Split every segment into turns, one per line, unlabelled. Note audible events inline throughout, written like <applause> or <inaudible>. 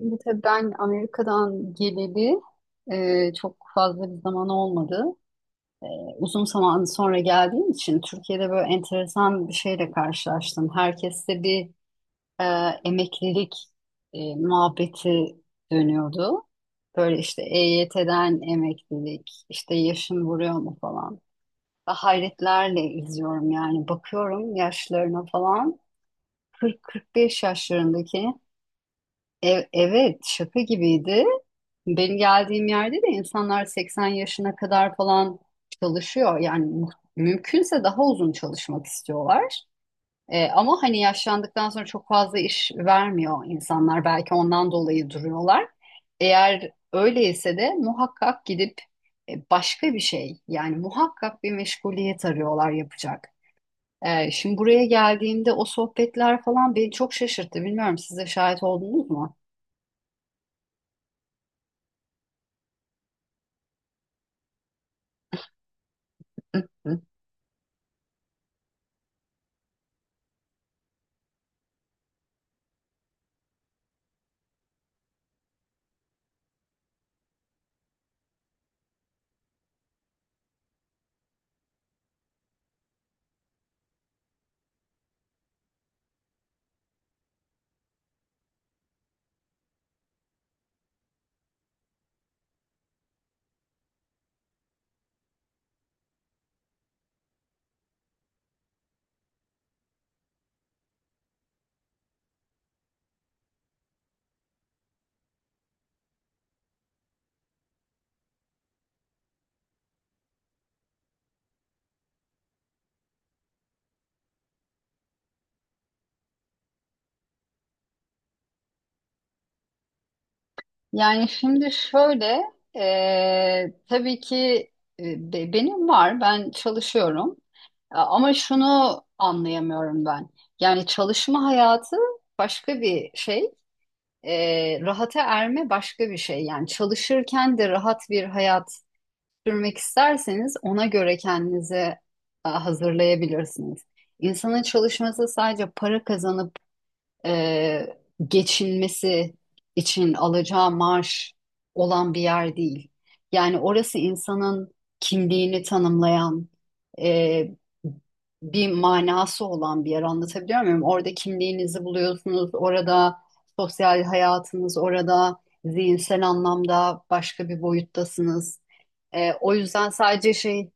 Şimdi tabii ben Amerika'dan geleli çok fazla bir zaman olmadı. Uzun zaman sonra geldiğim için Türkiye'de böyle enteresan bir şeyle karşılaştım. Herkeste bir e, emeklilik muhabbeti dönüyordu. Böyle işte EYT'den emeklilik, işte yaşın vuruyor mu falan. Ve hayretlerle izliyorum yani bakıyorum yaşlarına falan. 40-45 yaşlarındaki evet, şaka gibiydi. Benim geldiğim yerde de insanlar 80 yaşına kadar falan çalışıyor. Yani mümkünse daha uzun çalışmak istiyorlar. Ama hani yaşlandıktan sonra çok fazla iş vermiyor insanlar. Belki ondan dolayı duruyorlar. Eğer öyleyse de muhakkak gidip başka bir şey yani muhakkak bir meşguliyet arıyorlar yapacak. Şimdi buraya geldiğimde o sohbetler falan beni çok şaşırttı. Bilmiyorum siz de şahit oldunuz mu? <laughs> Yani şimdi şöyle, tabii ki benim var, ben çalışıyorum. Ama şunu anlayamıyorum ben. Yani çalışma hayatı başka bir şey, rahata erme başka bir şey. Yani çalışırken de rahat bir hayat sürmek isterseniz ona göre kendinizi hazırlayabilirsiniz. İnsanın çalışması sadece para kazanıp e, geçinmesi için alacağı maaş olan bir yer değil. Yani orası insanın kimliğini tanımlayan, e, bir manası olan bir yer, anlatabiliyor muyum? Orada kimliğinizi buluyorsunuz, orada sosyal hayatınız, orada zihinsel anlamda başka bir boyuttasınız. O yüzden sadece şey,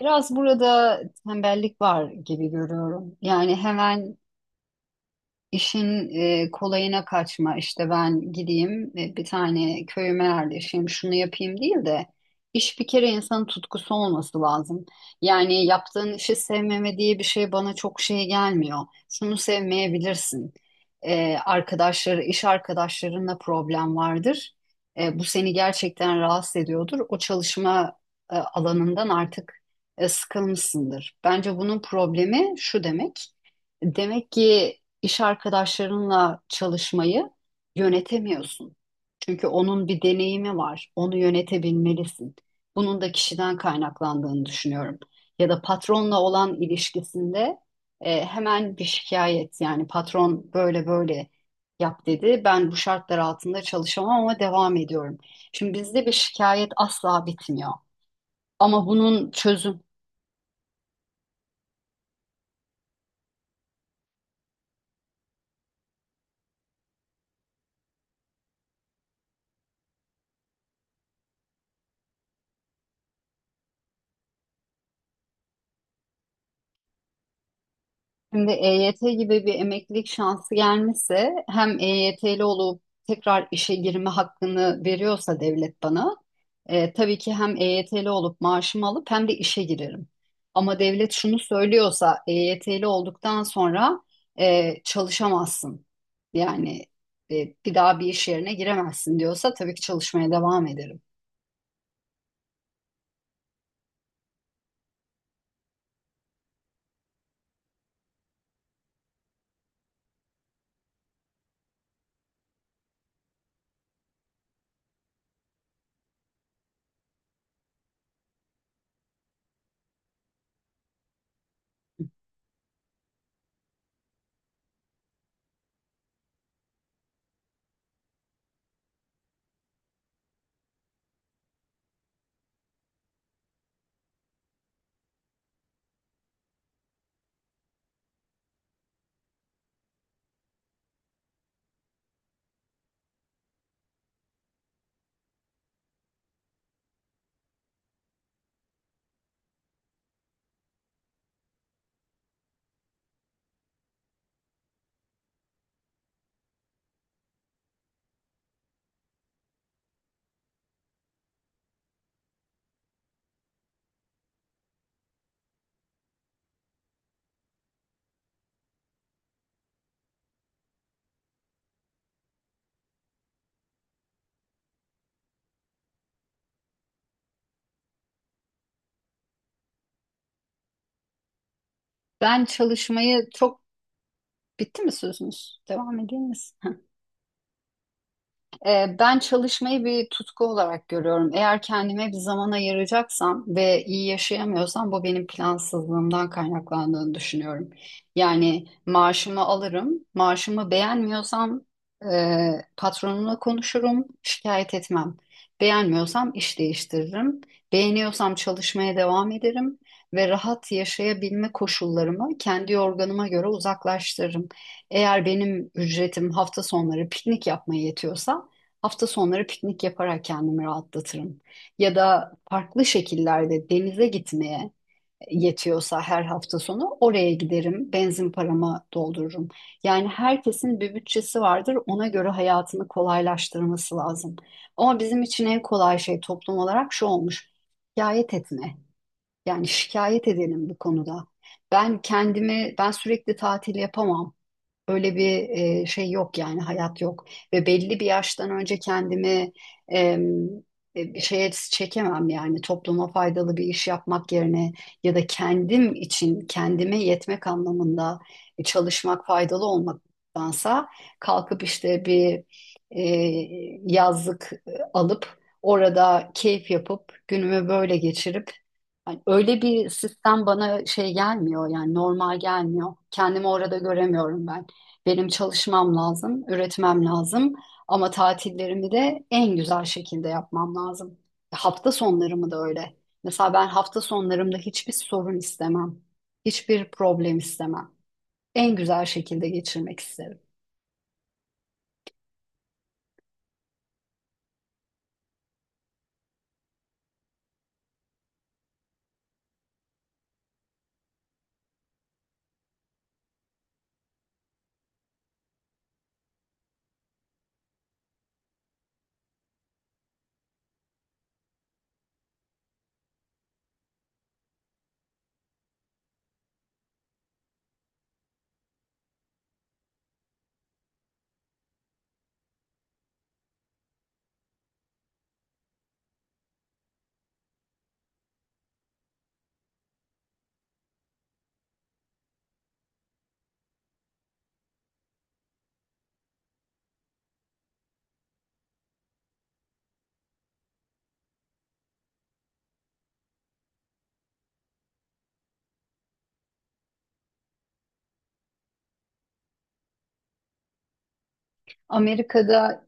biraz burada tembellik var gibi görüyorum. Yani hemen İşin kolayına kaçma, işte ben gideyim bir tane köyüme yerleşeyim şunu yapayım değil de, iş bir kere insanın tutkusu olması lazım. Yani yaptığın işi sevmeme diye bir şey bana çok şey gelmiyor. Şunu sevmeyebilirsin. Arkadaşları, iş arkadaşlarınla problem vardır. Bu seni gerçekten rahatsız ediyordur. O çalışma alanından artık sıkılmışsındır. Bence bunun problemi şu demek. Demek ki iş arkadaşlarınla çalışmayı yönetemiyorsun. Çünkü onun bir deneyimi var. Onu yönetebilmelisin. Bunun da kişiden kaynaklandığını düşünüyorum. Ya da patronla olan ilişkisinde hemen bir şikayet, yani patron böyle böyle yap dedi. Ben bu şartlar altında çalışamam ama devam ediyorum. Şimdi bizde bir şikayet asla bitmiyor. Ama bunun çözüm şimdi EYT gibi bir emeklilik şansı gelmesi, hem EYT'li olup tekrar işe girme hakkını veriyorsa devlet bana, tabii ki hem EYT'li olup maaşımı alıp hem de işe girerim. Ama devlet şunu söylüyorsa EYT'li olduktan sonra çalışamazsın. Yani bir daha bir iş yerine giremezsin diyorsa tabii ki çalışmaya devam ederim. Ben çalışmayı çok, bitti mi sözünüz? Devam edeyim mi? Ben çalışmayı bir tutku olarak görüyorum. Eğer kendime bir zaman ayıracaksam ve iyi yaşayamıyorsam bu benim plansızlığımdan kaynaklandığını düşünüyorum. Yani maaşımı alırım, maaşımı beğenmiyorsam e, patronumla konuşurum, şikayet etmem. Beğenmiyorsam iş değiştiririm, beğeniyorsam çalışmaya devam ederim ve rahat yaşayabilme koşullarımı kendi organıma göre uzaklaştırırım. Eğer benim ücretim hafta sonları piknik yapmaya yetiyorsa, hafta sonları piknik yaparak kendimi rahatlatırım. Ya da farklı şekillerde denize gitmeye yetiyorsa her hafta sonu oraya giderim, benzin paramı doldururum. Yani herkesin bir bütçesi vardır, ona göre hayatını kolaylaştırması lazım. Ama bizim için en kolay şey toplum olarak şu olmuş, şikayet etme. Yani şikayet edelim bu konuda. Ben kendimi, ben sürekli tatil yapamam. Öyle bir şey yok, yani hayat yok, ve belli bir yaştan önce kendimi em, bir şeye çekemem, yani topluma faydalı bir iş yapmak yerine, ya da kendim için kendime yetmek anlamında çalışmak faydalı olmaktansa kalkıp işte bir e, yazlık alıp orada keyif yapıp günümü böyle geçirip, hani öyle bir sistem bana şey gelmiyor, yani normal gelmiyor, kendimi orada göremiyorum ben. Benim çalışmam lazım, üretmem lazım, ama tatillerimi de en güzel şekilde yapmam lazım. Hafta sonlarımı da öyle. Mesela ben hafta sonlarımda hiçbir sorun istemem. Hiçbir problem istemem. En güzel şekilde geçirmek isterim. Amerika'da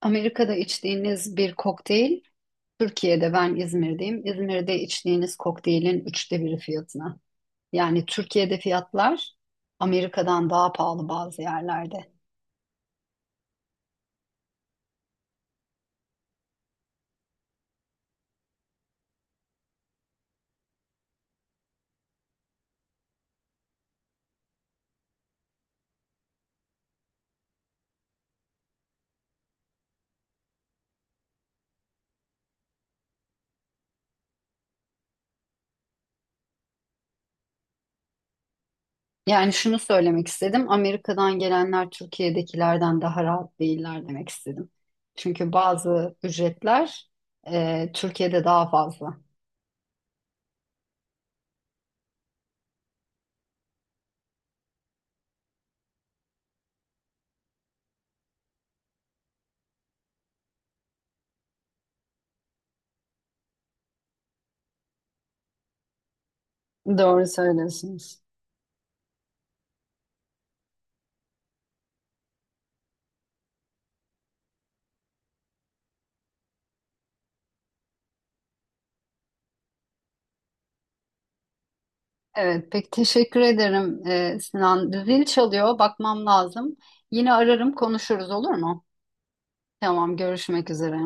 Amerika'da içtiğiniz bir kokteyl, Türkiye'de, ben İzmir'deyim, İzmir'de içtiğiniz kokteylin üçte biri fiyatına. Yani Türkiye'de fiyatlar Amerika'dan daha pahalı bazı yerlerde. Yani şunu söylemek istedim. Amerika'dan gelenler Türkiye'dekilerden daha rahat değiller demek istedim. Çünkü bazı ücretler Türkiye'de daha fazla. Doğru söylüyorsunuz. Evet, pek teşekkür ederim Sinan. Zil çalıyor, bakmam lazım. Yine ararım, konuşuruz, olur mu? Tamam, görüşmek üzere.